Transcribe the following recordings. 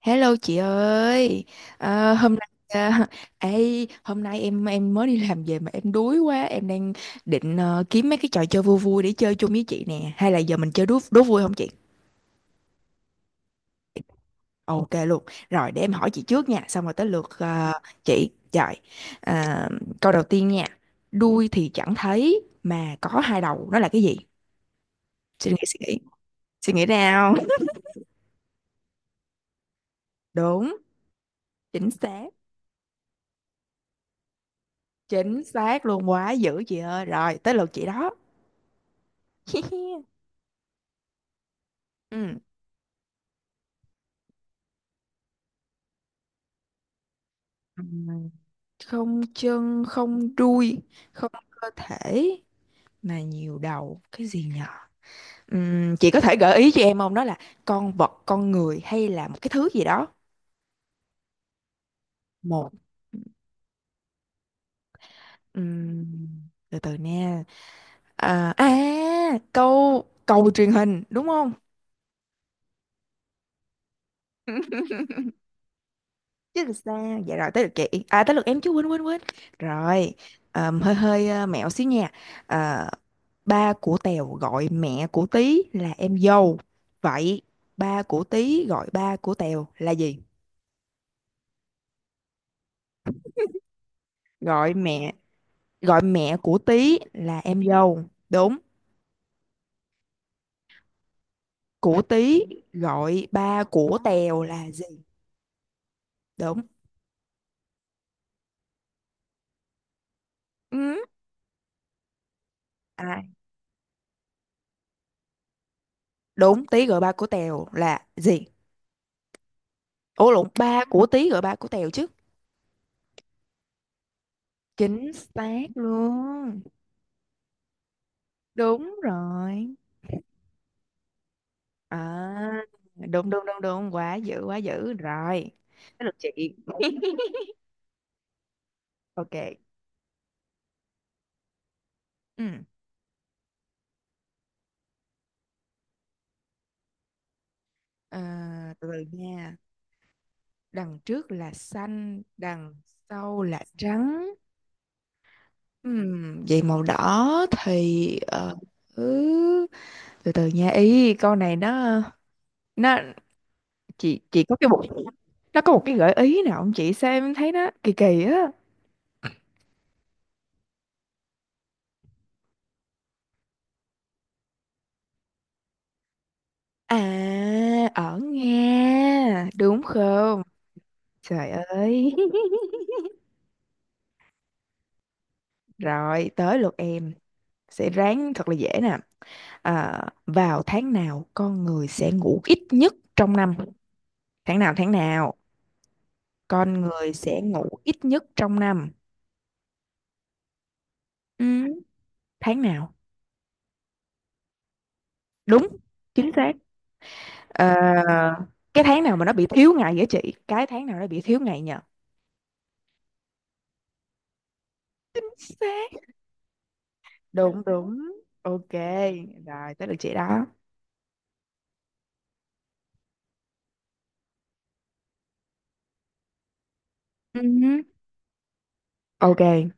Hello chị ơi. Hôm nay à, ê, hôm nay em mới đi làm về mà em đuối quá, em đang định kiếm mấy cái trò chơi vui vui để chơi chung với chị nè, hay là giờ mình chơi đố đố vui không chị? Ok luôn, rồi để em hỏi chị trước nha, xong rồi tới lượt chị. Rồi, à, câu đầu tiên nha, đuôi thì chẳng thấy mà có hai đầu, nó là cái gì? Suy nghĩ suy nghĩ, suy nghĩ nào? Đúng, chính xác, chính xác luôn, quá dữ chị ơi, rồi tới lượt chị đó. Ừ. Ừm, không chân không đuôi không cơ thể mà nhiều đầu cái gì nhở? Chị có thể gợi ý cho em không, đó là con vật, con người hay là một cái thứ gì đó? Một, Ừm, từ từ nha. À, à, câu cầu truyền hình đúng không? Chứ làm sao. Dạ, rồi tới lượt chị. À, tới lượt em chứ, quên quên quên rồi. Hơi hơi mẹo xíu nha. Ờ, ba của Tèo gọi mẹ của Tí là em dâu, vậy ba của Tí gọi ba của Tèo là gì? Gọi mẹ, gọi mẹ của Tí là em dâu. Đúng. Của Tí gọi ba của Tèo là gì? Đúng. Ừ. À. Đúng. Tí gọi ba của Tèo là gì? Ủa lộn, ba của Tí gọi ba của Tèo chứ. Chính xác luôn. Đúng rồi. À, đúng đúng đúng đúng, quá dữ, quá dữ rồi. Tới lượt chị. Ok. Ừ. Ờ, từ từ nha, đằng trước là xanh, đằng sau là trắng. Vậy màu đỏ thì ừ, từ từ nha, ý con này nó, chị có cái bộ, nó có một cái gợi ý nào không chị, sao em thấy nó kỳ kỳ á? À, ở Nga, đúng không? Trời ơi. Rồi, tới lượt em. Sẽ ráng thật là dễ nè. À, vào tháng nào con người sẽ ngủ ít nhất trong năm? Tháng nào, tháng nào con người sẽ ngủ ít nhất trong năm? Ừ, tháng nào? Đúng, chính xác. Ờ, cái tháng nào mà nó bị thiếu ngày vậy chị? Cái tháng nào nó bị thiếu ngày nhờ? Chính xác. Đúng đúng. Ok, rồi tới lượt chị đó. Ừ. Ok.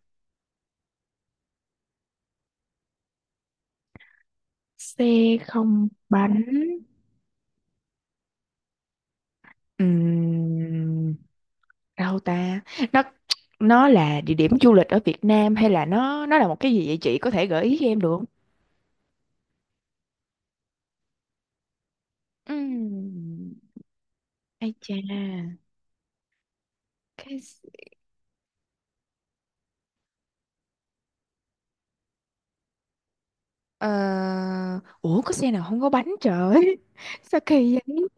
Xe không bánh. Ừm, đâu ta, nó nó là địa điểm du lịch ở Việt Nam hay là nó là một cái gì, vậy chị có thể gợi ý cho em được không? Ừm, ai chà. Cái s-, ờ, ủa có xe nào không có bánh trời? Sao kỳ vậy?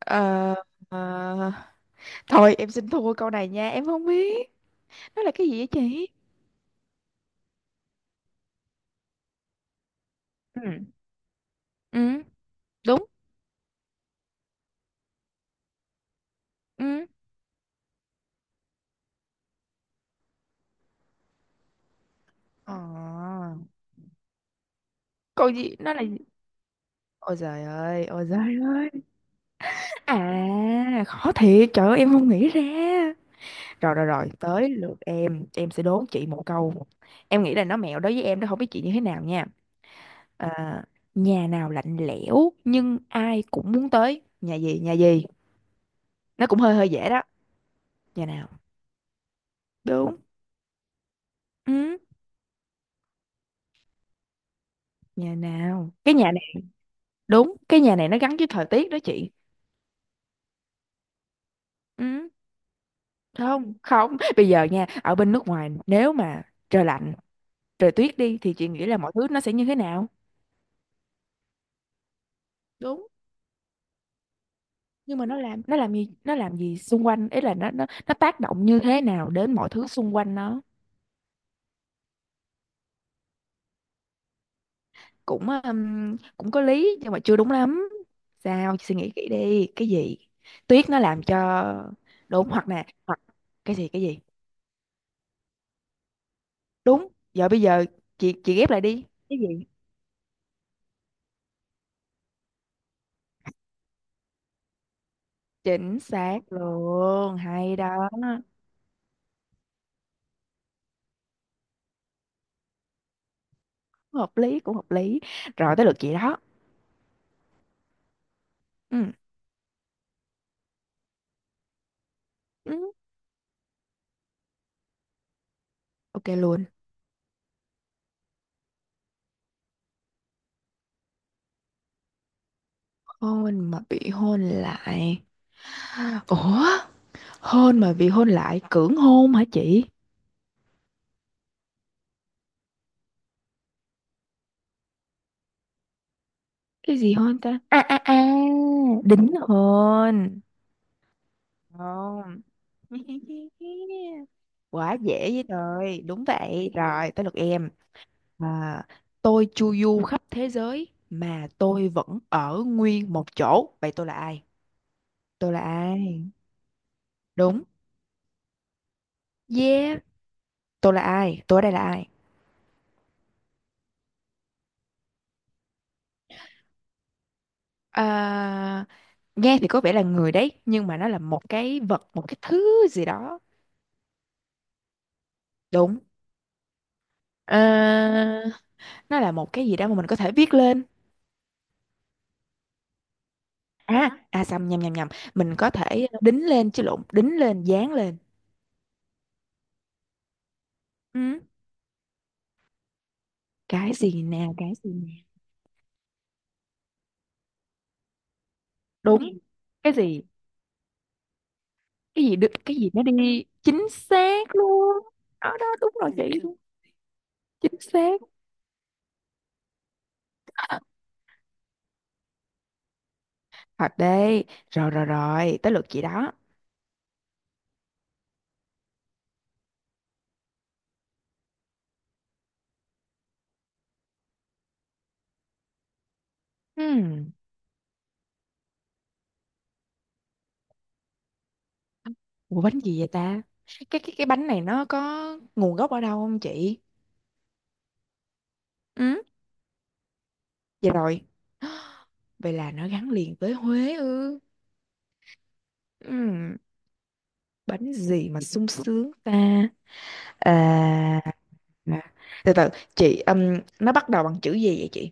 Ờ, ờ, thôi em xin thua câu này nha, em không biết nó là cái gì vậy chị? Ừ. Ừ. Đúng. Ừ. Ờ, còn gì, nó là. Ôi giời ơi, ôi giời ơi. À, khó thiệt, trời ơi em không nghĩ ra. Rồi rồi rồi, tới lượt em sẽ đố chị một câu. Em nghĩ là nó mẹo đối với em đó, không biết chị như thế nào nha. À, nhà nào lạnh lẽo nhưng ai cũng muốn tới. Nhà gì, nhà gì? Nó cũng hơi hơi dễ đó. Nhà nào? Đúng. Ừ, nhà nào? Cái nhà này, đúng, cái nhà này nó gắn với thời tiết đó chị. Ừ, không, không. Bây giờ nha, ở bên nước ngoài nếu mà trời lạnh, trời tuyết đi thì chị nghĩ là mọi thứ nó sẽ như thế nào? Đúng, nhưng mà nó làm, nó làm gì, nó làm gì xung quanh ấy, là nó tác động như thế nào đến mọi thứ xung quanh nó? Cũng cũng có lý nhưng mà chưa đúng lắm, sao suy nghĩ kỹ đi, cái gì? Tuyết nó làm cho, đúng, hoặc nè, hoặc cái gì, cái gì? Đúng, giờ bây giờ chị ghép lại đi, cái gì? Chính xác luôn, hay đó. Hợp lý, cũng hợp lý. Rồi tới lượt chị đó. Ừ. Ừ. Ok luôn. Hôn mà bị hôn lại. Ủa, hôn mà vì hôn lại, cưỡng hôn hả chị? Cái gì hôn ta? À à à, đính hôn. Không. Quá dễ với rồi, đúng vậy. Rồi, tới lượt em. À, tôi chu du khắp thế giới mà tôi vẫn ở nguyên một chỗ. Vậy tôi là ai? Tôi là ai? Đúng. Yeah. Tôi là ai? Tôi ở đây là ai? À, nghe thì có vẻ là người đấy, nhưng mà nó là một cái vật, một cái thứ gì đó. Đúng. Ờ, nó là một cái gì đó mà mình có thể viết lên. À à, xăm, nhầm nhầm nhầm, mình có thể đính lên, chứ lộn, đính lên, dán lên. Ừ. Cái gì nè, cái gì nè? Đúng. Cái gì, cái gì được, cái gì nó đi, chính xác luôn. Đó đó, đúng rồi chị. Chính xác. Thật đây. Rồi rồi rồi tới lượt chị đó. Ừm, ủa bánh gì vậy ta? Cái bánh này nó có nguồn gốc ở đâu không chị? Ừ. Vậy rồi, vậy là nó gắn liền với Huế ư? Ừm, bánh gì mà sung sướng ta? À, mà-, từ từ chị, nó bắt đầu bằng chữ gì vậy chị?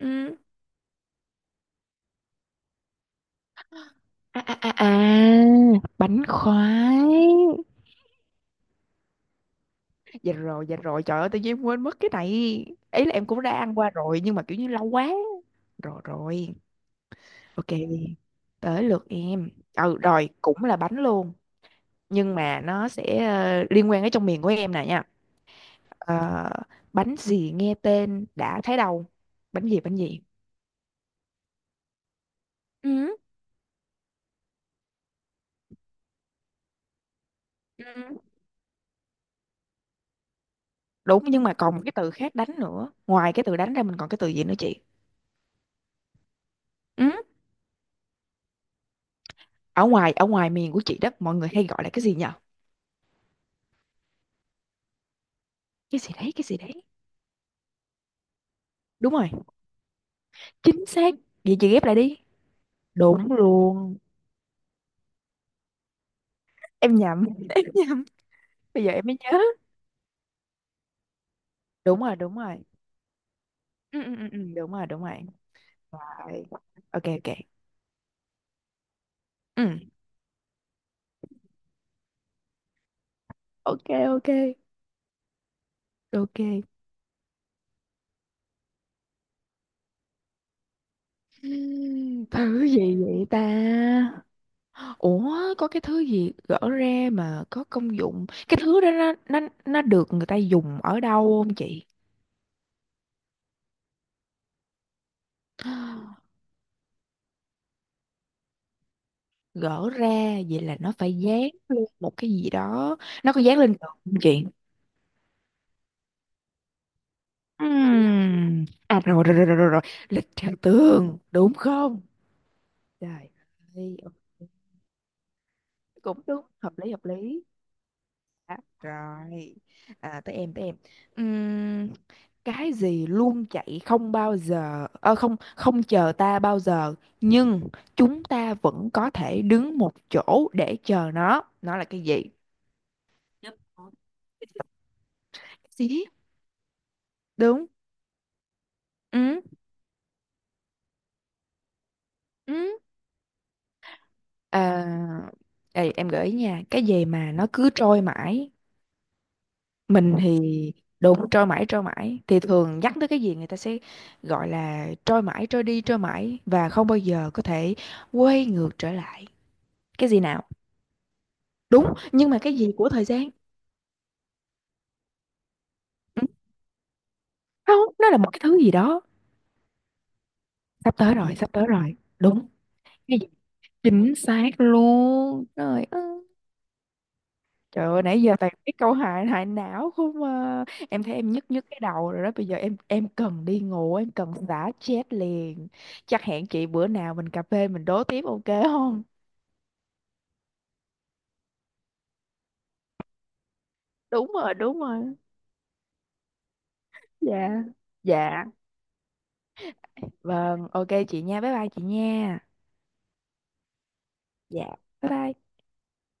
Ừm, à, à, à, à, bánh khoái. Dạ rồi, dạ rồi, trời ơi tự nhiên em quên mất cái này, ý là em cũng đã ăn qua rồi nhưng mà kiểu như lâu quá. Rồi rồi, ok, tới lượt em. Ừ, rồi cũng là bánh luôn nhưng mà nó sẽ liên quan đến trong miền của em nè nha. Ờ, bánh gì nghe tên đã thấy đâu? Bánh gì, bánh gì? Ừ. Ừ. Đúng, nhưng mà còn một cái từ khác đánh nữa, ngoài cái từ đánh ra mình còn cái từ gì nữa chị? Ừ. Ở ngoài, ở ngoài miền của chị đó mọi người hay gọi là cái gì nhở? Cái gì đấy, cái gì đấy? Đúng rồi, chính xác. Vậy chị ghép lại đi. Đúng luôn. Em nhầm em nhầm, bây giờ em mới nhớ. Đúng rồi, đúng rồi. Ừ. đúng rồi đúng rồi. Rồi. Ok ok. Ừ. Ok ok ok. Thứ gì vậy ta? Ủa có cái thứ gì gỡ ra mà có công dụng, cái thứ đó nó nó được người ta dùng ở đâu không chị? Gỡ ra, vậy là nó phải dán lên một cái gì đó, nó có dán lên tường không chị? Ừm. À rồi rồi rồi rồi rồi rồi. Lịch theo tường đúng không? Trời ơi, ok. Cũng đúng, hợp lý hợp lý. Đó, rồi, à, tới em, tới em. Ừm, cái gì luôn chạy không bao giờ không không chờ ta bao giờ, nhưng chúng ta vẫn có thể đứng một chỗ để chờ nó. Nó là cái gì? Chấp. Gì? Đúng. Ừ. Ừ. À, ê, em gợi ý nha, cái gì mà nó cứ trôi mãi, mình thì, đúng, trôi mãi, trôi mãi thì thường nhắc tới cái gì người ta sẽ gọi là trôi mãi, trôi đi, trôi mãi và không bao giờ có thể quay ngược trở lại. Cái gì nào? Đúng, nhưng mà cái gì của thời gian? Ừ, không, nó là một cái thứ gì đó. Sắp tới rồi, sắp tới rồi, đúng. Cái gì? Chính xác luôn, trời ơi. Trời ơi, nãy giờ toàn cái câu hại hại não không à. Em thấy em nhức nhức cái đầu rồi đó. Bây giờ em cần đi ngủ, em cần xả stress liền. Chắc hẹn chị bữa nào mình cà phê mình đố tiếp ok không? Đúng rồi, đúng rồi. Dạ. Dạ. Vâng, ok chị nha. Bye bye chị nha. Dạ. Bye bye.